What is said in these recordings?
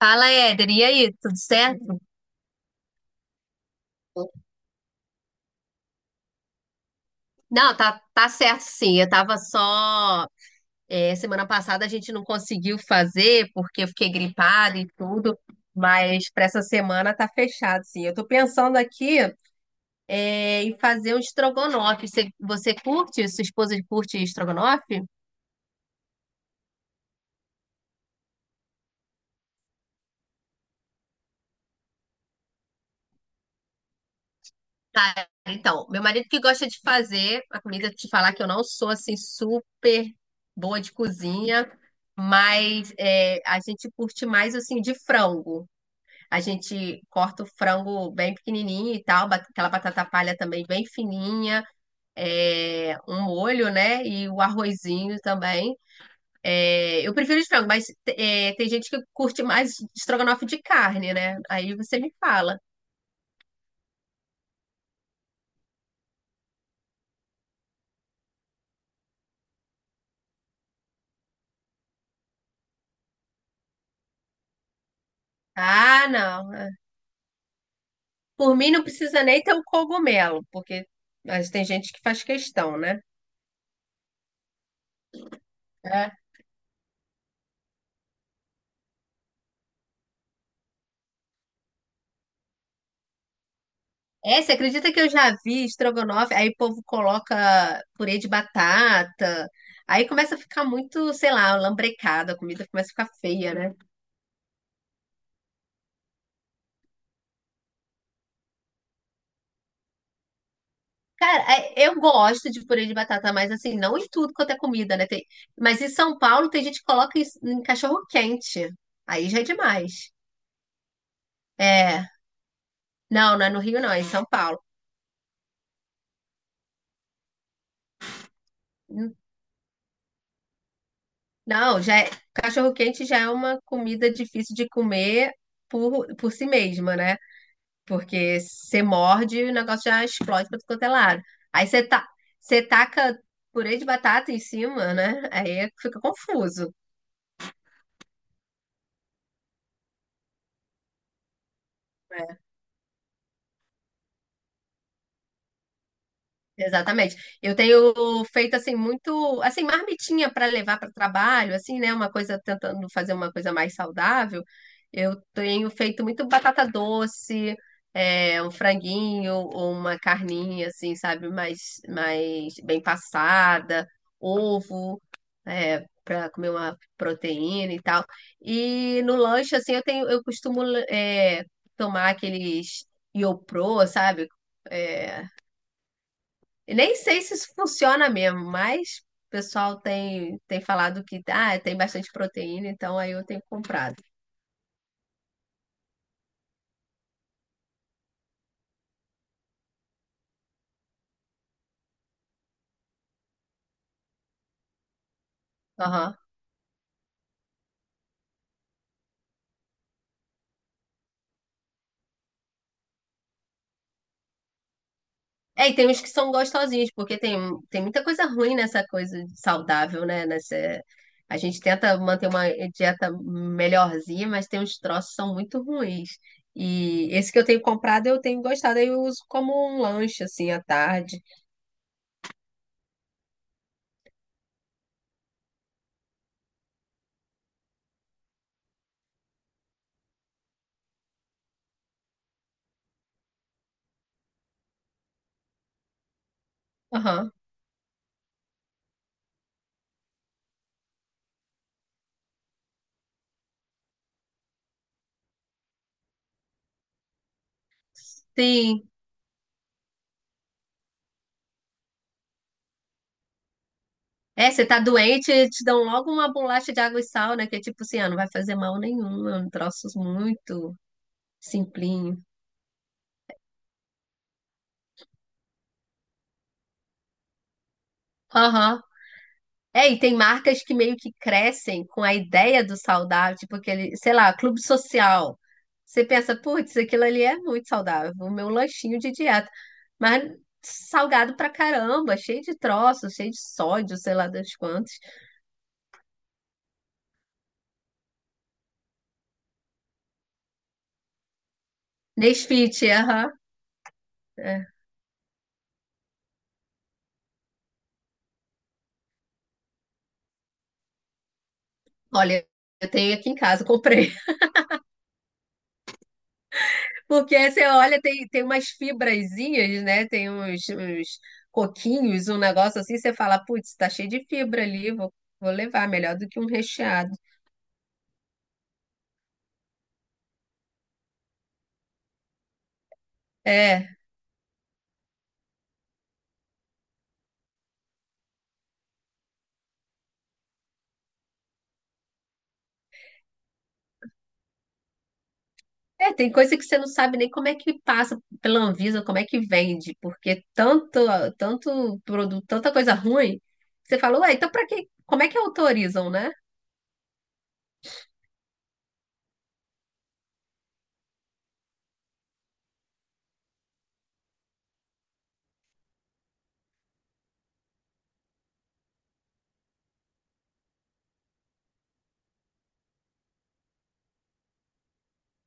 Fala, Éder, e aí, tudo certo? Não, tá, tá certo sim. Eu tava só. Semana passada a gente não conseguiu fazer porque eu fiquei gripada e tudo, mas para essa semana tá fechado sim. Eu tô pensando aqui em fazer um estrogonofe. Você curte? Sua esposa curte estrogonofe? Tá, então, meu marido que gosta de fazer a comida, te falar que eu não sou assim super boa de cozinha, mas a gente curte mais assim de frango. A gente corta o frango bem pequenininho e tal, aquela batata palha também bem fininha, um molho, né? E o arrozinho também. É, eu prefiro de frango, mas tem gente que curte mais estrogonofe de carne, né? Aí você me fala. Ah, não. É. Por mim não precisa nem ter o cogumelo, porque mas tem gente que faz questão, né? É, você acredita que eu já vi estrogonofe? Aí o povo coloca purê de batata. Aí começa a ficar muito, sei lá, lambrecada, a comida começa a ficar feia, né? Cara, eu gosto de purê de batata, mas assim, não em tudo quanto é comida, né? Tem... Mas em São Paulo tem gente que coloca isso em cachorro quente. Aí já é demais. É, não, não é no Rio, não, é em São Paulo. N- Não, já é... cachorro quente já é uma comida difícil de comer por si mesma, né? Porque você morde e o negócio já explode para é lado. Aí você, tá você taca purê de batata em cima, né? Aí fica confuso. Exatamente. Eu tenho feito assim muito, assim, marmitinha para levar para o trabalho, assim, né, uma coisa tentando fazer uma coisa mais saudável. Eu tenho feito muito batata doce, um franguinho ou uma carninha assim, sabe, mais mais bem passada, ovo, para comer uma proteína e tal. E no lanche assim, eu costumo é, tomar aqueles Iopro, sabe? É, eu nem sei se isso funciona mesmo, mas o pessoal tem, falado que ah, tem bastante proteína, então aí eu tenho comprado. Aham. É, e tem uns que são gostosinhos, porque tem, tem muita coisa ruim nessa coisa de saudável, né? Nessa, a gente tenta manter uma dieta melhorzinha, mas tem uns troços que são muito ruins. E esse que eu tenho comprado, eu tenho gostado, aí eu uso como um lanche, assim, à tarde. Aham. Sim. É, você tá doente, te dão logo uma bolacha de água e sal, né? Que é tipo assim, ah, não vai fazer mal nenhum, é um troço muito simplinho. Aham. É, e tem marcas que meio que crescem com a ideia do saudável, tipo aquele, sei lá, Clube Social. Você pensa, putz, aquilo ali é muito saudável, o meu lanchinho de dieta. Mas salgado pra caramba, cheio de troços, cheio de sódio, sei lá das quantas. Nesfit, aham. É. Olha, eu tenho aqui em casa, comprei. Porque você olha, tem, umas fibrazinhas, né? Tem uns, uns coquinhos, um negócio assim, você fala, putz, tá cheio de fibra ali, vou, levar, melhor do que um recheado. É, é, tem coisa que você não sabe nem como é que passa pela Anvisa, como é que vende, porque tanto, produto, tanta coisa ruim, você fala, ué, então pra que, como é que autorizam, né?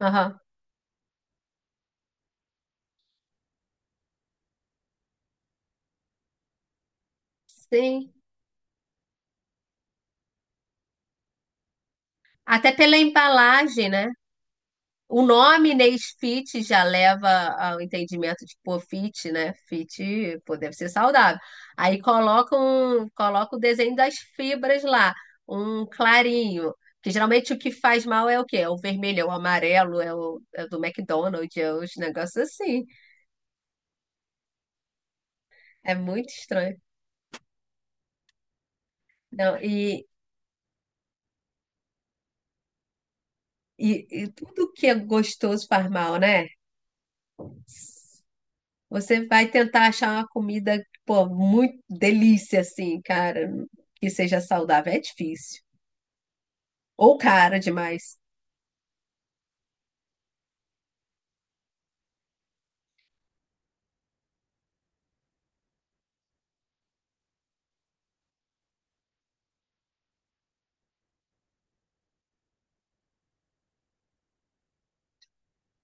Aham, sim. Até pela embalagem, né? O nome Inês Fit já leva ao entendimento de, pô, fit, né? Fit, pô, deve ser saudável. Aí coloca, um, coloca o desenho das fibras lá, um clarinho. Que geralmente o que faz mal é o quê? É o vermelho, é o amarelo, é o do McDonald's, é os negócios assim. É muito estranho. Não, e tudo que é gostoso faz mal, né? Você vai tentar achar uma comida, pô, muito delícia, assim, cara, que seja saudável. É difícil. Ou cara demais.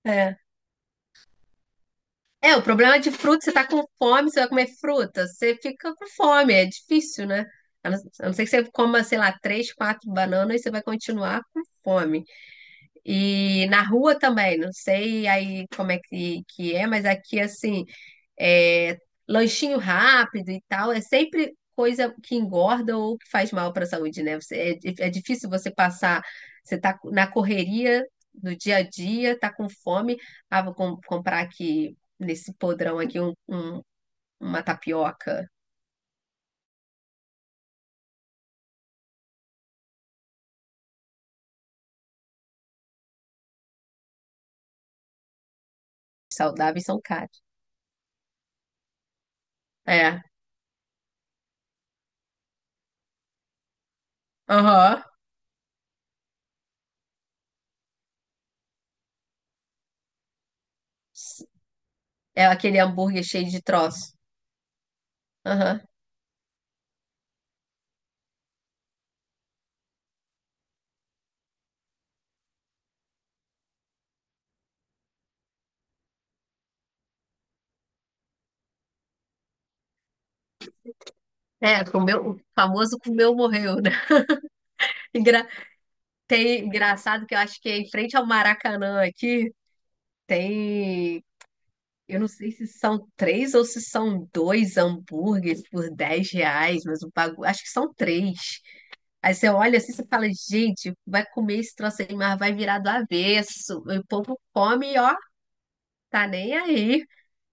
É. É, o problema é de fruta, você tá com fome, você vai comer fruta, você fica com fome, é difícil, né? A não ser que você coma, sei lá, 3, 4 bananas e você vai continuar com fome. E na rua também, não sei aí como é que é, mas aqui, assim, é, lanchinho rápido e tal, é sempre coisa que engorda ou que faz mal para a saúde, né? É difícil você passar, você tá na correria do dia a dia, tá com fome, ah, comprar aqui nesse podrão aqui uma tapioca saudável e são caros. É, aham. É aquele hambúrguer cheio de troço. Aham. É, comeu, o famoso comeu, morreu, né? Engra- Tem, engraçado que eu acho que é em frente ao Maracanã aqui. Tem, eu não sei se são 3 ou se são 2 hambúrgueres por 10 reais, mas o bagulho, acho que são 3. Aí você olha assim, você fala, gente, vai comer esse troço aí, mas vai virar do avesso. E o povo come, ó, tá nem aí.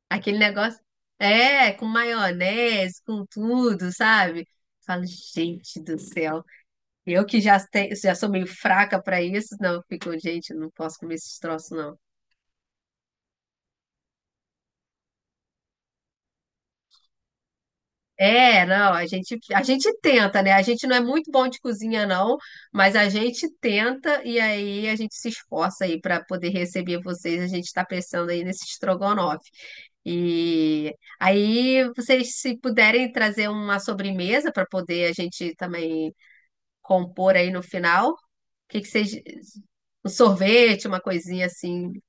Aquele negócio, é, com maionese, com tudo, sabe? Falo, gente do céu. Eu que já, já sou meio fraca pra isso, não, eu fico, gente, eu não posso comer esses troços. É, não, a gente tenta, né? A gente não é muito bom de cozinha, não, mas a gente tenta e aí a gente se esforça aí para poder receber vocês. A gente está pensando aí nesse estrogonofe. E aí, vocês, se puderem trazer uma sobremesa para poder a gente também compor aí no final, o que que vocês. Um sorvete, uma coisinha assim